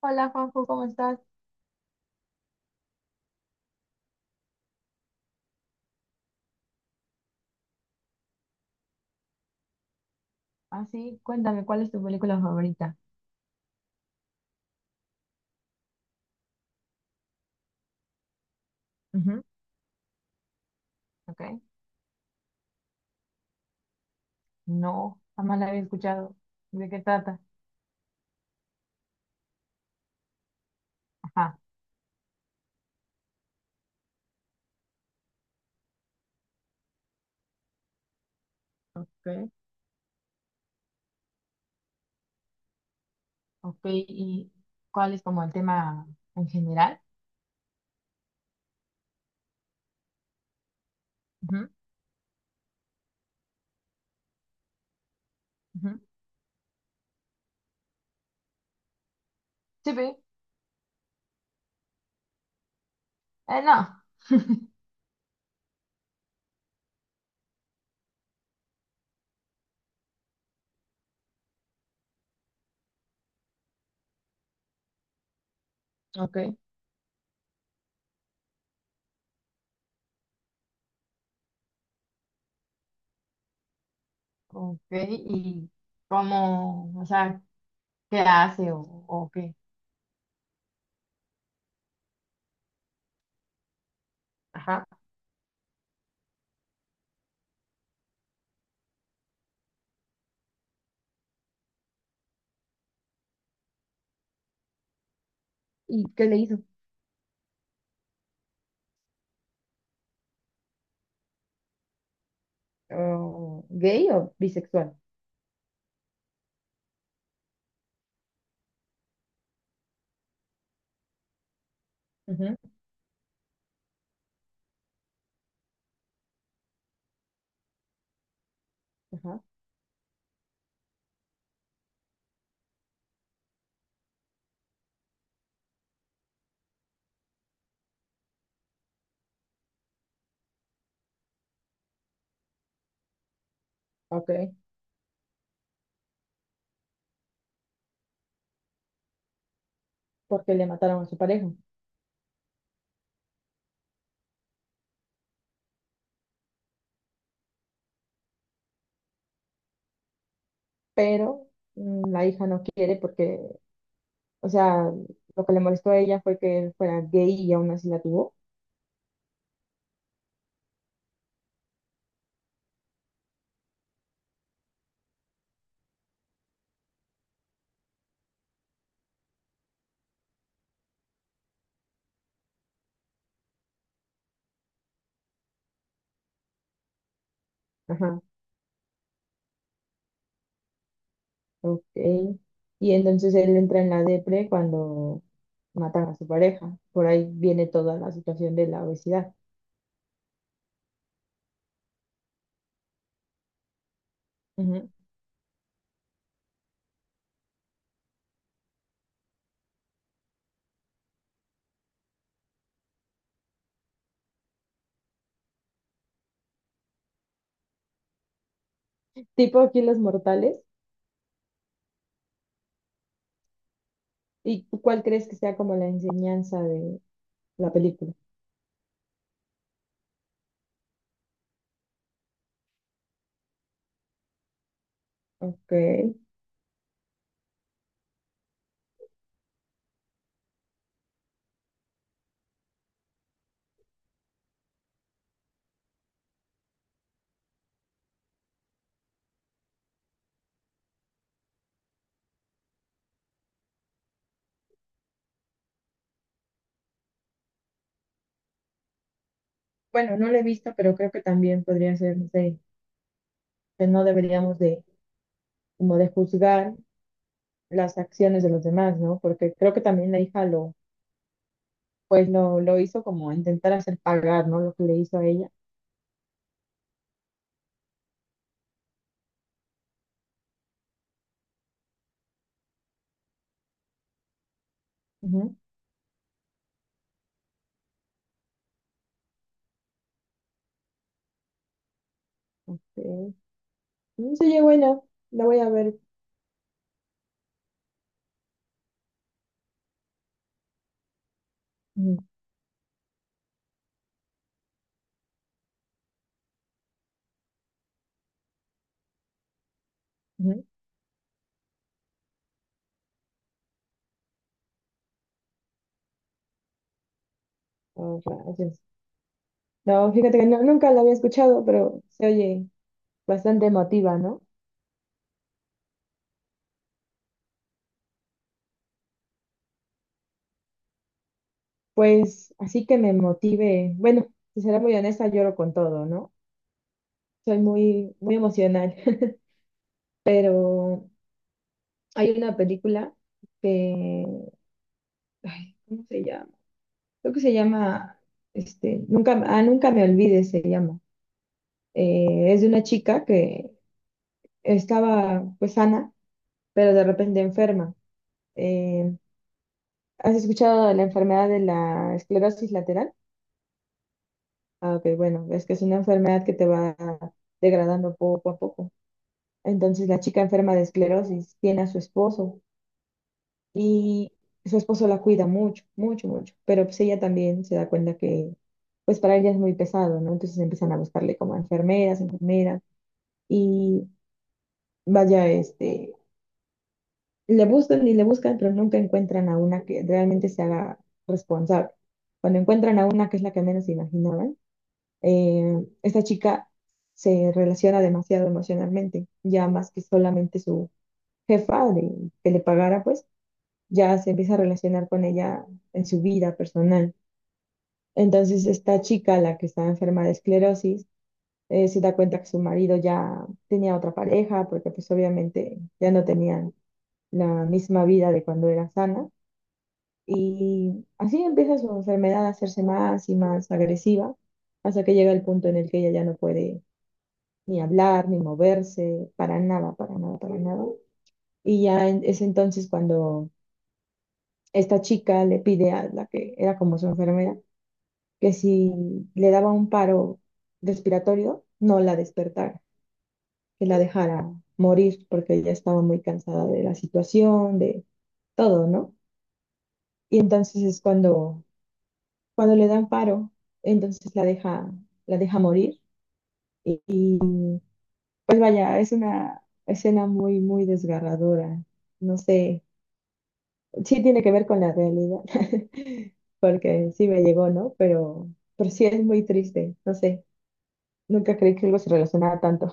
Hola Juanjo, ¿cómo estás? Así, cuéntame, ¿cuál es tu película favorita? Ujú, ok. No, jamás la había escuchado. ¿De qué trata? Ajá, ok. Ok. ¿Y cuál es como el tema en general? Ujú, ujú. Sí, pero, no. Ok. Ok, ¿y cómo, o sea, qué hace o qué? Ajá. ¿Y qué le hizo? Oh, ¿gay o bisexual? Ujú. Ajá. Ok. Porque le mataron a su pareja. Pero la hija no quiere porque, o sea, lo que le molestó a ella fue que él fuera gay y aún así la tuvo. Ajá, ok. Y entonces él entra en la depre cuando matan a su pareja. Por ahí viene toda la situación de la obesidad. Ujú. Tipo aquí los mortales. ¿Y tú cuál crees que sea como la enseñanza de la película? Ok. Bueno, no la he visto, pero creo que también podría ser, no sé, que no deberíamos de, como de juzgar las acciones de los demás, ¿no? Porque creo que también la hija lo, pues lo hizo como intentar hacer pagar, ¿no? Lo que le hizo a ella. Ujú, ok. Mm, sí, oye, bueno, la voy a ver. Ujú, ujú. Oh, rayos. No, fíjate que nunca la había escuchado, pero se oye bastante emotiva, ¿no? Pues así que me motive. Bueno, si será muy honesta, lloro con todo, ¿no? Soy muy, muy emocional. Pero hay una película que, ay, ¿cómo se llama? Creo que se llama, este, nunca me olvides se llama. Es de una chica que estaba pues sana, pero de repente enferma. Eh, ¿has escuchado de la enfermedad de la esclerosis lateral? Ah, ok, bueno, es que es una enfermedad que te va degradando poco a poco. Entonces la chica enferma de esclerosis tiene a su esposo. Y su esposo la cuida mucho, mucho, mucho. Pero pues ella también se da cuenta que, pues para ella es muy pesado, ¿no? Entonces empiezan a buscarle como enfermeras, enfermeras. Y vaya, este, le buscan y le buscan, pero nunca encuentran a una que realmente se haga responsable. Cuando encuentran a una que es la que menos se imaginaban, esta chica se relaciona demasiado emocionalmente, ya más que solamente su jefa de, que le pagara, pues ya se empieza a relacionar con ella en su vida personal. Entonces, esta chica, la que estaba enferma de esclerosis, se da cuenta que su marido ya tenía otra pareja, porque pues obviamente ya no tenían la misma vida de cuando era sana. Y así empieza su enfermedad a hacerse más y más agresiva, hasta que llega el punto en el que ella ya no puede ni hablar, ni moverse, para nada, para nada, para nada. Y ya es entonces cuando esta chica le pide a la que era como su enfermera, que si le daba un paro respiratorio, no la despertara, que la dejara morir porque ella estaba muy cansada de la situación, de todo, ¿no? Y entonces es cuando, le dan paro, entonces la deja morir. Y, pues vaya, es una escena muy, muy desgarradora. No sé, sí tiene que ver con la realidad, porque sí me llegó, ¿no? Pero sí es muy triste, no sé. Nunca creí que algo se relacionara tanto.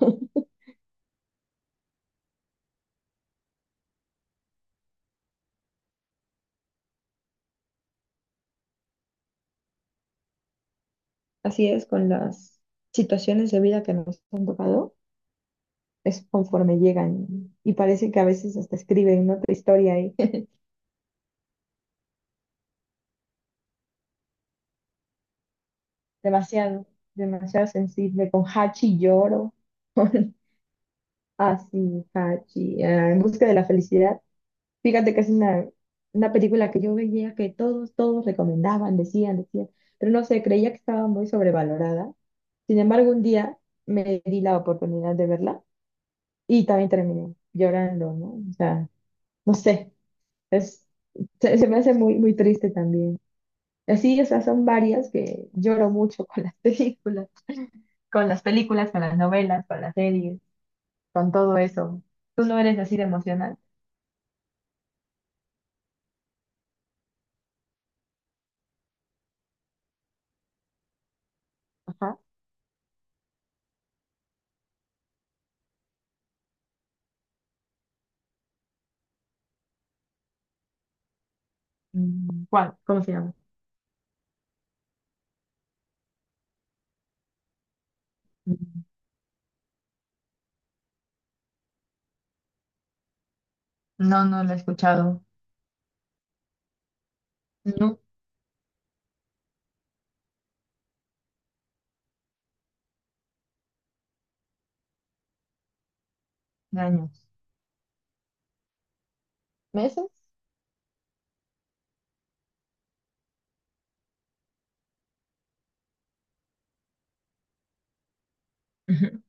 Así es, con las situaciones de vida que nos han tocado, es conforme llegan. Y parece que a veces hasta escriben, ¿no?, otra historia ahí. Demasiado, demasiado sensible. Con Hachi lloro. Así, Hachi. En busca de la felicidad. Fíjate que es una, película que yo veía que todos, todos recomendaban, decían, decían. Pero no sé, creía que estaba muy sobrevalorada. Sin embargo, un día me di la oportunidad de verla y también terminé llorando, ¿no? O sea, no sé. Es, se me hace muy, muy triste también. Así, o sea, son varias que lloro mucho con las películas, con las novelas, con las series, con todo eso. ¿Tú no eres así de emocional? Ajá. Mm, ¿cuál? ¿Cómo se llama? Mm, no, no lo he escuchado. No, de años. ¿Meses? Ujú.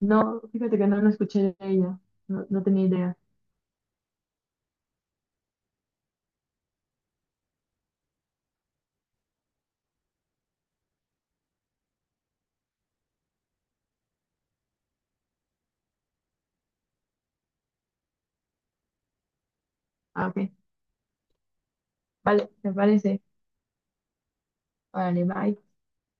No, fíjate que no lo escuché de ella. No, no tenía idea. Ah, ok. Vale, me parece. Vale, bye.